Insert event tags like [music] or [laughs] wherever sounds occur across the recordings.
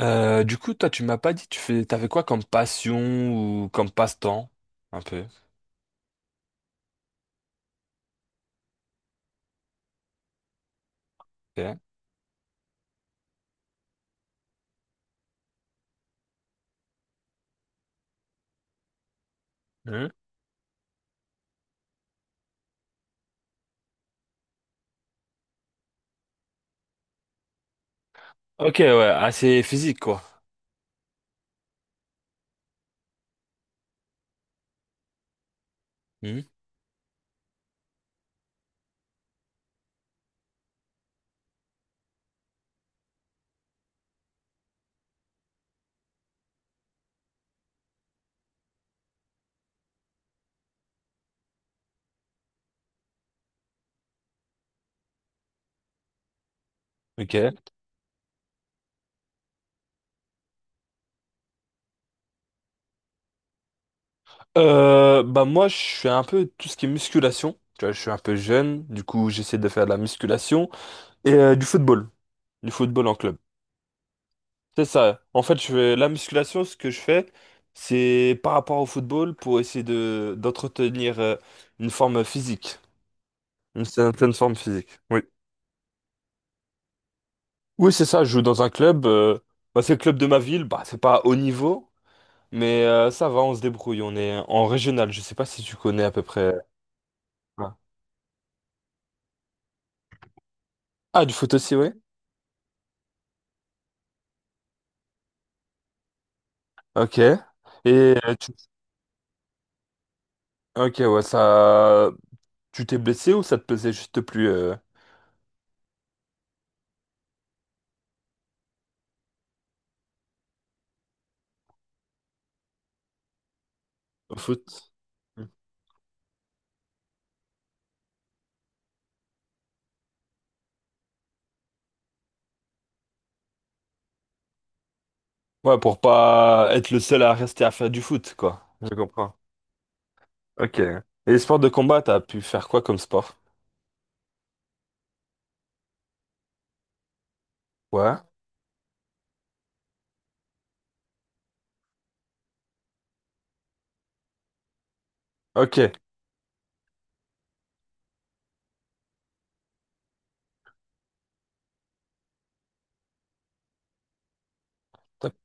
Du coup, toi, tu m'as pas dit, t'avais quoi comme passion ou comme passe-temps, un peu. Ok. Hmm. Ok, ouais, assez physique, quoi. Hmm. Ok. Bah moi, je fais un peu tout ce qui est musculation. Tu vois, je suis un peu jeune, du coup, j'essaie de faire de la musculation et du football en club. C'est ça. En fait, je fais la musculation. Ce que je fais, c'est par rapport au football pour essayer de d'entretenir une forme physique, une certaine forme physique. Oui. Oui, c'est ça, je joue dans un club. Bah, c'est le club de ma ville, bah, c'est pas haut niveau, mais ça va, on se débrouille. On est en régional, je sais pas si tu connais à peu près. Ouais. Ah, du foot aussi, oui. Ok. Euh, tu... Ok, ouais, ça. Tu t'es blessé ou ça te plaisait juste plus au foot? Ouais, pour pas être le seul à rester à faire du foot, quoi. Je comprends. Ok. Et les sports de combat, t'as pu faire quoi comme sport? Ouais. Ok. T'as-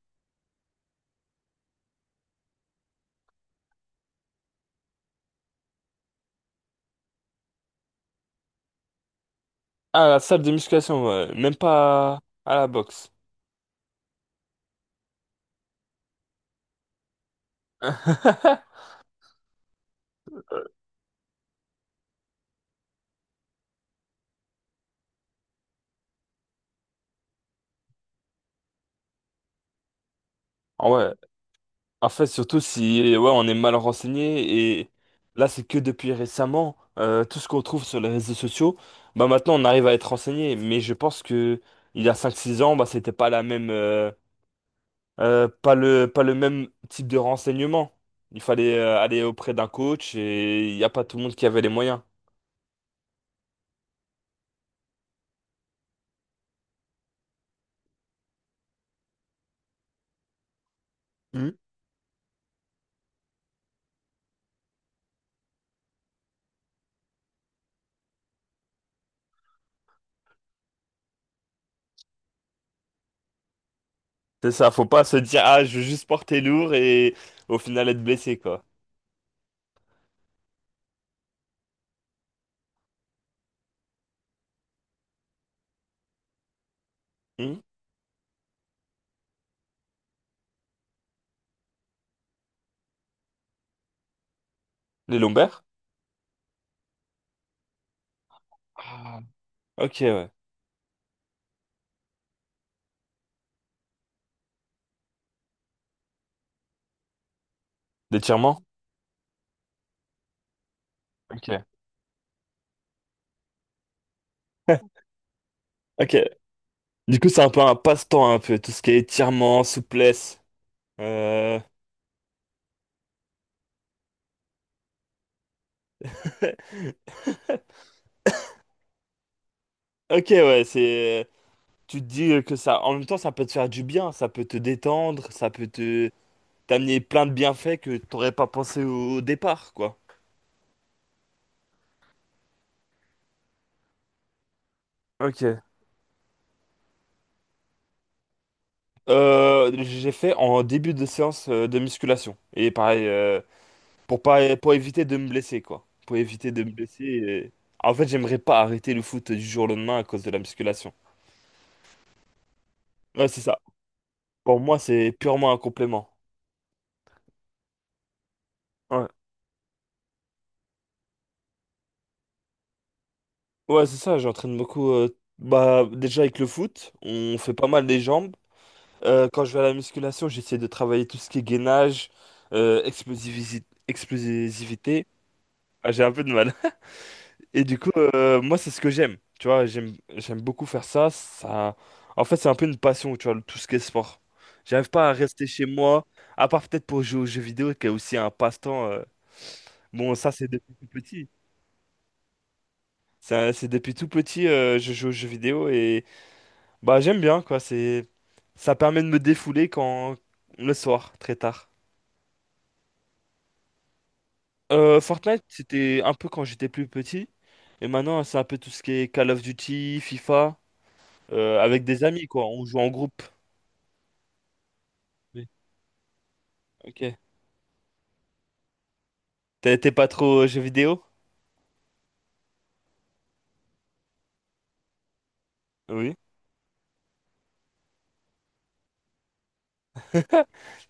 Ah, la salle de musculation, ouais. Même pas à la boxe. [laughs] Ah ouais, en fait, surtout si ouais, on est mal renseigné et là, c'est que depuis récemment, tout ce qu'on trouve sur les réseaux sociaux, bah maintenant on arrive à être renseigné. Mais je pense que il y a cinq six ans, bah c'était pas la même, pas le même type de renseignement. Il fallait aller auprès d'un coach et il n'y a pas tout le monde qui avait les moyens. Hmm. C'est ça, faut pas se dire, ah, je veux juste porter lourd et au final être blessé, quoi. Hmm. Les lombaires? Ah, Ok, ouais. L'étirement? Ok. [laughs] Ok. Du coup, c'est un peu un passe-temps, un peu, tout ce qui est étirement, souplesse. Euh... [laughs] Ok, ouais, c'est. Tu te dis que ça. En même temps, ça peut te faire du bien, ça peut te détendre, ça peut te t'amener plein de bienfaits que t'aurais pas pensé au départ, quoi. Ok. J'ai fait en début de séance de musculation. Et pareil, pour pas, pour éviter de me blesser, quoi. Pour éviter de me blesser. En fait, j'aimerais pas arrêter le foot du jour au lendemain à cause de la musculation. Ouais, c'est ça. Pour moi, c'est purement un complément. Ouais. Ouais, c'est ça, j'entraîne beaucoup. Bah, déjà avec le foot, on fait pas mal les jambes. Quand je vais à la musculation, j'essaie de travailler tout ce qui est gainage, explosivité. Ah, j'ai un peu de mal. [laughs] Et du coup, moi, c'est ce que j'aime. Tu vois, j'aime beaucoup faire ça. Ça, en fait, c'est un peu une passion, tu vois, tout ce qui est sport. J'arrive pas à rester chez moi, à part peut-être pour jouer aux jeux vidéo, qui est aussi un passe-temps. Bon, ça, c'est depuis tout petit. Ça, c'est depuis tout petit, je joue aux jeux vidéo. Bah j'aime bien quoi, c'est ça permet de me défouler quand le soir, très tard. Fortnite, c'était un peu quand j'étais plus petit et maintenant c'est un peu tout ce qui est Call of Duty, FIFA avec des amis quoi, on joue en groupe. Oui. OK. T'es pas trop jeux vidéo? Oui.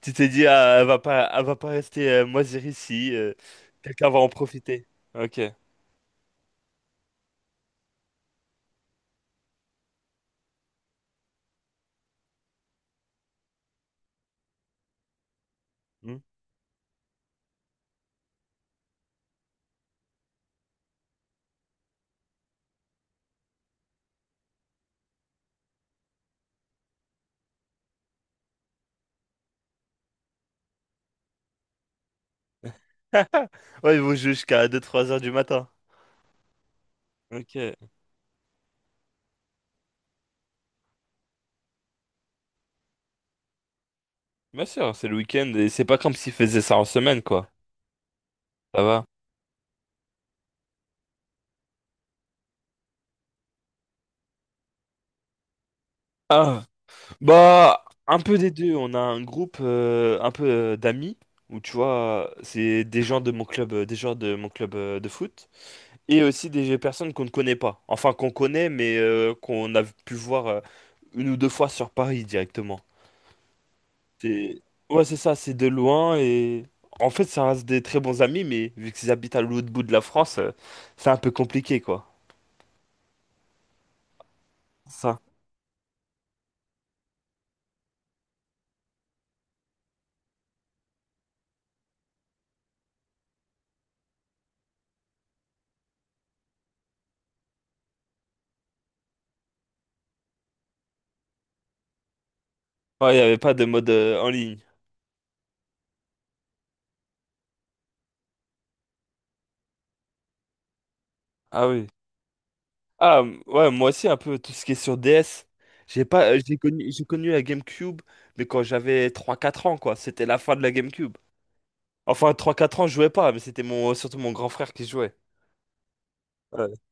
Tu t'es dit ah, elle va pas rester moisir ici, quelqu'un va en profiter. OK. Hmm. Ouais, ils vont jouer jusqu'à deux trois heures du matin. Ok. Bien sûr, c'est le week-end et c'est pas comme s'ils faisaient ça en semaine, quoi. Ça va. Ah. Bah, un peu des deux. On a un groupe un peu d'amis où tu vois, c'est des gens de mon club, des gens de mon club de foot et aussi des personnes qu'on ne connaît pas. Enfin, qu'on connaît, mais qu'on a pu voir une ou deux fois sur Paris directement. C'est ouais, c'est ça. C'est de loin et en fait, ça reste des très bons amis, mais vu qu'ils habitent à l'autre bout de la France, c'est un peu compliqué quoi. Ça. Ouais, il n'y avait pas de mode en ligne. Ah oui. Ah, ouais, moi aussi, un peu tout ce qui est sur DS. J'ai pas, j'ai connu la GameCube, mais quand j'avais trois quatre ans, quoi. C'était la fin de la GameCube. Enfin, trois quatre ans, je jouais pas, mais c'était mon, surtout mon grand frère qui jouait. Ouais. [laughs]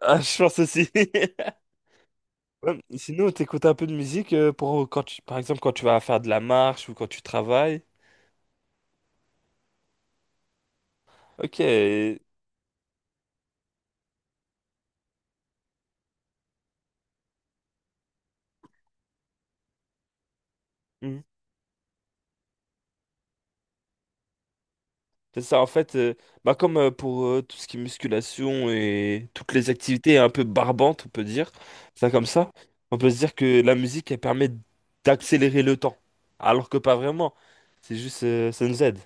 Ah, je pense aussi. [laughs] Ouais, sinon, t'écoutes un peu de musique pour quand tu, par exemple, quand tu vas faire de la marche ou quand tu travailles. Ok. C'est ça, en fait, bah comme pour tout ce qui est musculation et toutes les activités un peu barbantes, on peut dire, ça comme ça, on peut se dire que la musique, elle permet d'accélérer le temps. Alors que pas vraiment, c'est juste, ça nous aide.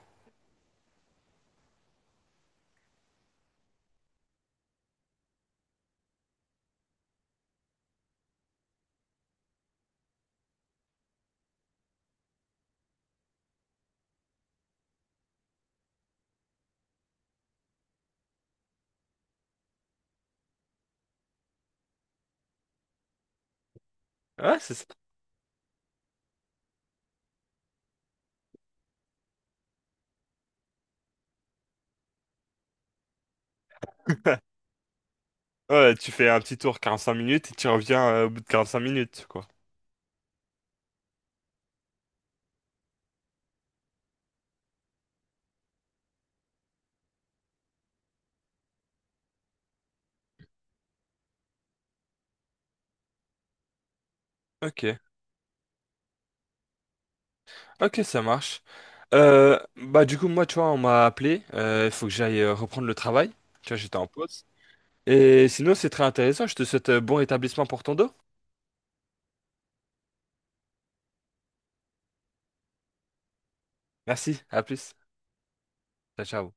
Ouais, c'est ça. [laughs] Ouais, tu fais un petit tour 45 minutes et tu reviens au bout de 45 minutes, quoi. Ok, ok, ça marche. Bah du coup, moi, tu vois, on m'a appelé, il faut que j'aille reprendre le travail. Tu vois, j'étais en pause. Et sinon, c'est très intéressant, je te souhaite bon rétablissement pour ton dos. Merci, à plus. Ciao, ciao.